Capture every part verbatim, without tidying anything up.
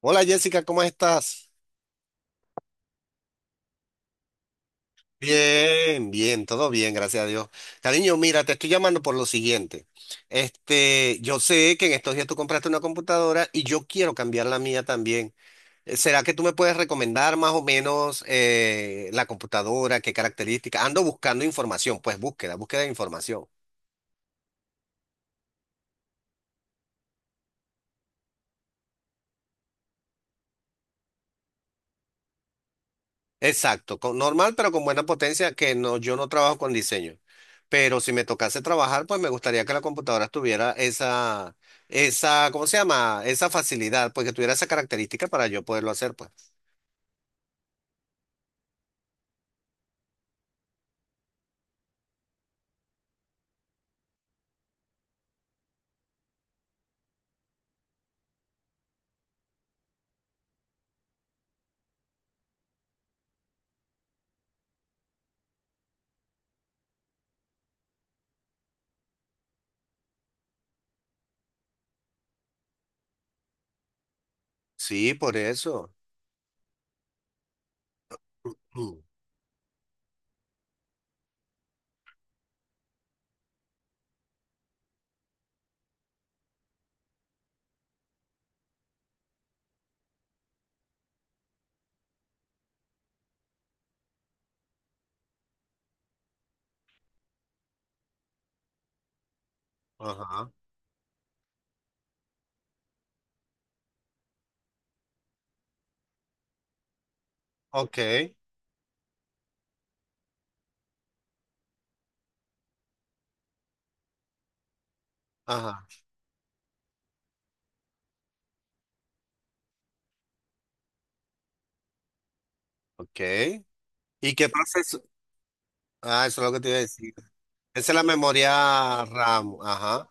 Hola Jessica, ¿cómo estás? Bien, bien, todo bien, gracias a Dios. Cariño, mira, te estoy llamando por lo siguiente. Este, yo sé que en estos días tú compraste una computadora y yo quiero cambiar la mía también. Eh, ¿Será que tú me puedes recomendar más o menos eh, la computadora, qué características? Ando buscando información, pues búsqueda, búsqueda de información. Exacto, con, normal pero con buena potencia, que no, yo no trabajo con diseño. Pero si me tocase trabajar, pues me gustaría que la computadora tuviera esa, esa, ¿cómo se llama? Esa facilidad, pues que tuviera esa característica para yo poderlo hacer, pues. Sí, por eso. Ujú. Ajá. Ok. Ajá. Ok. ¿Y qué proceso? Ah, eso es lo que te iba a decir. Esa es la memoria RAM. Ajá.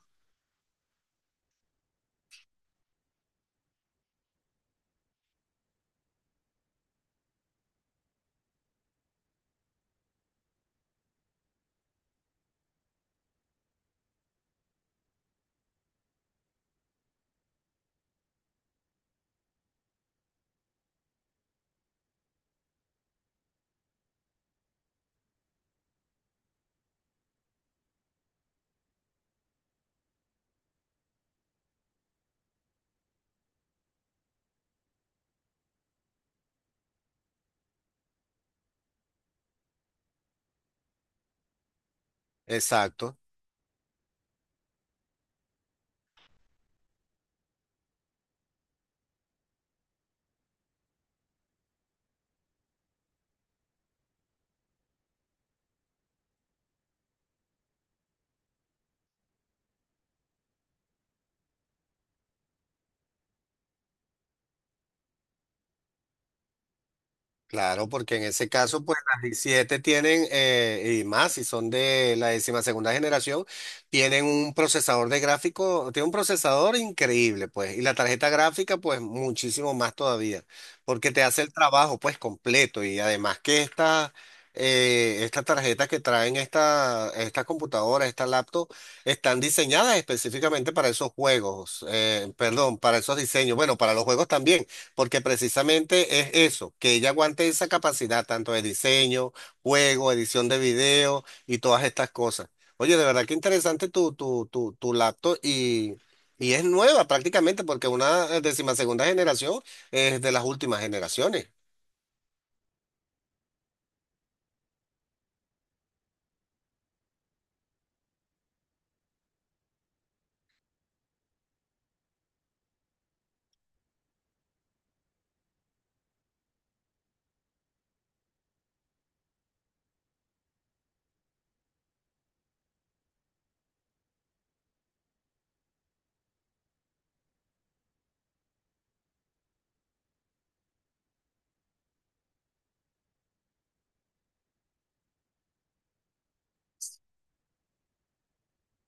Exacto. Claro, porque en ese caso, pues las diecisiete tienen, eh, y más, si son de la décima segunda generación, tienen un procesador de gráfico, tiene un procesador increíble, pues, y la tarjeta gráfica, pues, muchísimo más todavía, porque te hace el trabajo, pues, completo, y además que esta, eh, estas tarjetas que traen esta, estas computadoras, estas laptop, están diseñadas específicamente para esos juegos, eh, perdón, para esos diseños, bueno, para los juegos también porque precisamente es eso, que ella aguante esa capacidad tanto de diseño, juego, edición de video y todas estas cosas. Oye, de verdad que interesante tu, tu, tu, tu laptop y, y es nueva prácticamente porque una décima segunda generación es de las últimas generaciones.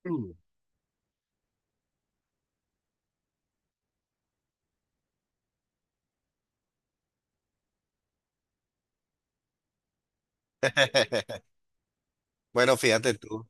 Mm. Bueno, fíjate tú.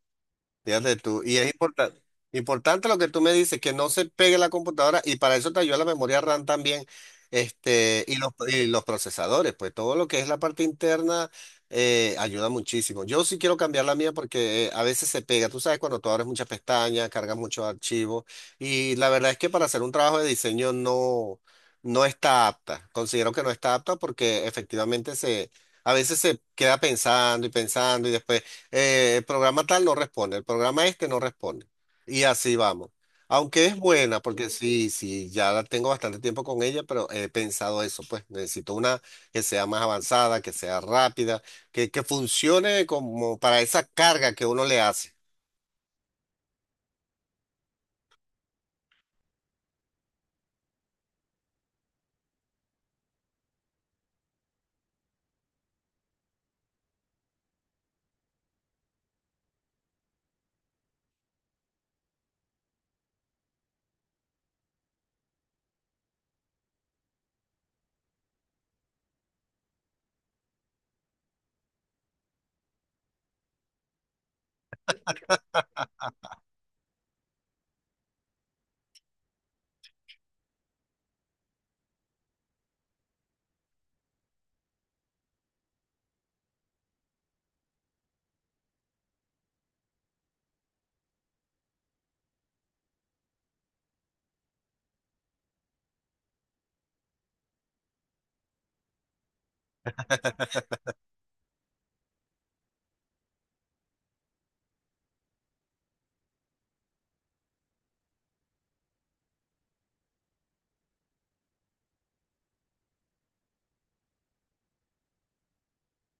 Fíjate tú, y es importante, importante lo que tú me dices, que no se pegue la computadora y para eso te ayuda la memoria RAM también, este, y los, y los procesadores, pues todo lo que es la parte interna eh, ayuda muchísimo. Yo sí quiero cambiar la mía porque eh, a veces se pega, tú sabes, cuando tú abres muchas pestañas, cargas muchos archivos y la verdad es que para hacer un trabajo de diseño no, no está apta, considero que no está apta porque efectivamente se... A veces se queda pensando y pensando y después eh, el programa tal no responde, el programa este no responde. Y así vamos. Aunque es buena, porque sí, sí, ya la tengo bastante tiempo con ella, pero he pensado eso, pues necesito una que sea más avanzada, que sea rápida, que, que funcione como para esa carga que uno le hace.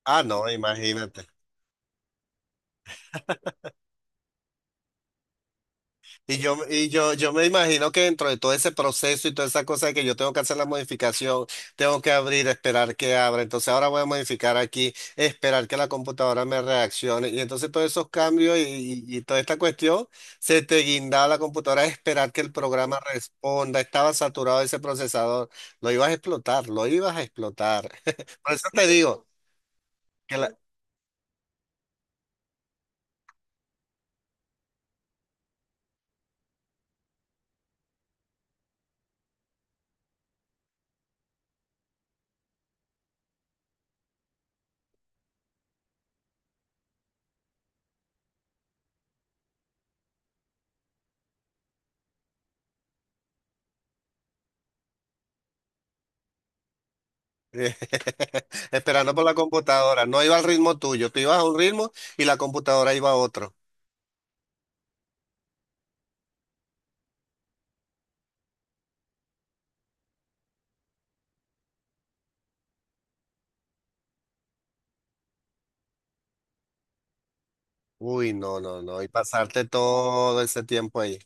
Ah, no, imagínate. Y yo, y yo, yo me imagino que dentro de todo ese proceso y toda esa cosa de que yo tengo que hacer la modificación, tengo que abrir, esperar que abra. Entonces ahora voy a modificar aquí, esperar que la computadora me reaccione. Y entonces todos esos cambios y, y- y toda esta cuestión, se te guindaba la computadora, esperar que el programa responda. Estaba saturado ese procesador. Lo ibas a explotar, lo ibas a explotar. Por eso te digo que la- esperando por la computadora, no iba al ritmo tuyo, tú ibas a un ritmo y la computadora iba a otro. Uy, no, no, no. Y pasarte todo ese tiempo ahí.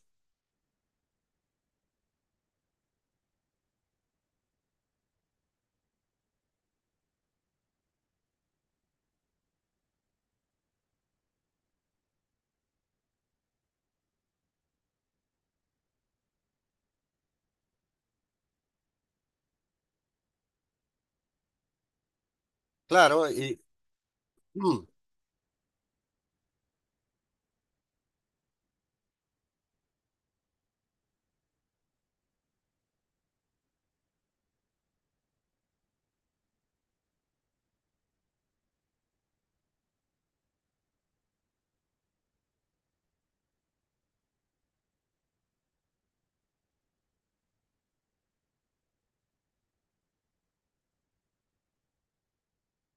Claro, y mm,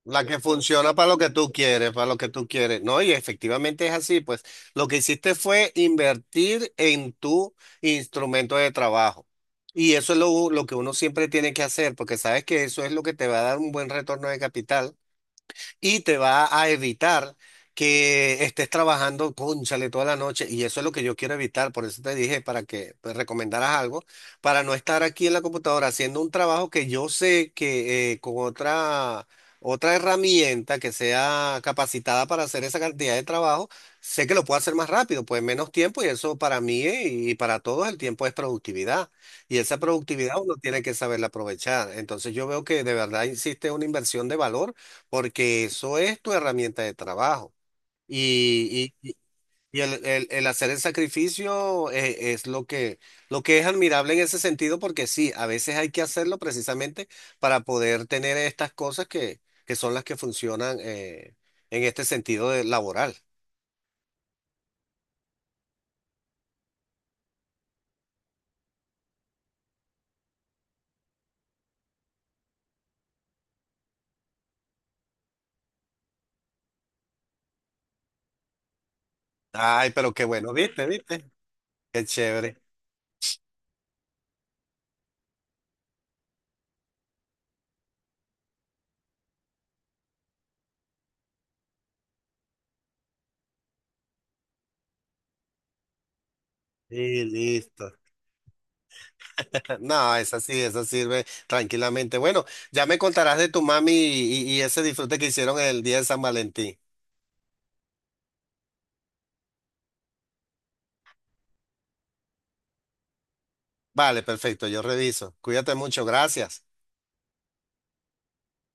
la que funciona para lo que tú quieres, para lo que tú quieres. No, y efectivamente es así, pues lo que hiciste fue invertir en tu instrumento de trabajo. Y eso es lo, lo que uno siempre tiene que hacer, porque sabes que eso es lo que te va a dar un buen retorno de capital. Y te va a evitar que estés trabajando, cónchale, toda la noche. Y eso es lo que yo quiero evitar. Por eso te dije para que pues, recomendaras algo, para no estar aquí en la computadora haciendo un trabajo que yo sé que eh, con otra, otra herramienta que sea capacitada para hacer esa cantidad de trabajo, sé que lo puedo hacer más rápido, pues menos tiempo. Y eso para mí eh, y para todos el tiempo es productividad. Y esa productividad uno tiene que saberla aprovechar. Entonces yo veo que de verdad existe una inversión de valor porque eso es tu herramienta de trabajo. Y, y- y- y el, el- el hacer el sacrificio eh, es, lo que, lo que es admirable en ese sentido, porque sí, a veces hay que hacerlo precisamente para poder tener estas cosas que, que son las que funcionan eh, en este sentido de- laboral. Ay, pero qué bueno, viste, viste, qué chévere. Y listo. No, esa sí, esa sirve tranquilamente. Bueno, ya me contarás de tu mami y y- y ese disfrute que hicieron el día de San Valentín. Vale, perfecto, yo reviso. Cuídate mucho, gracias.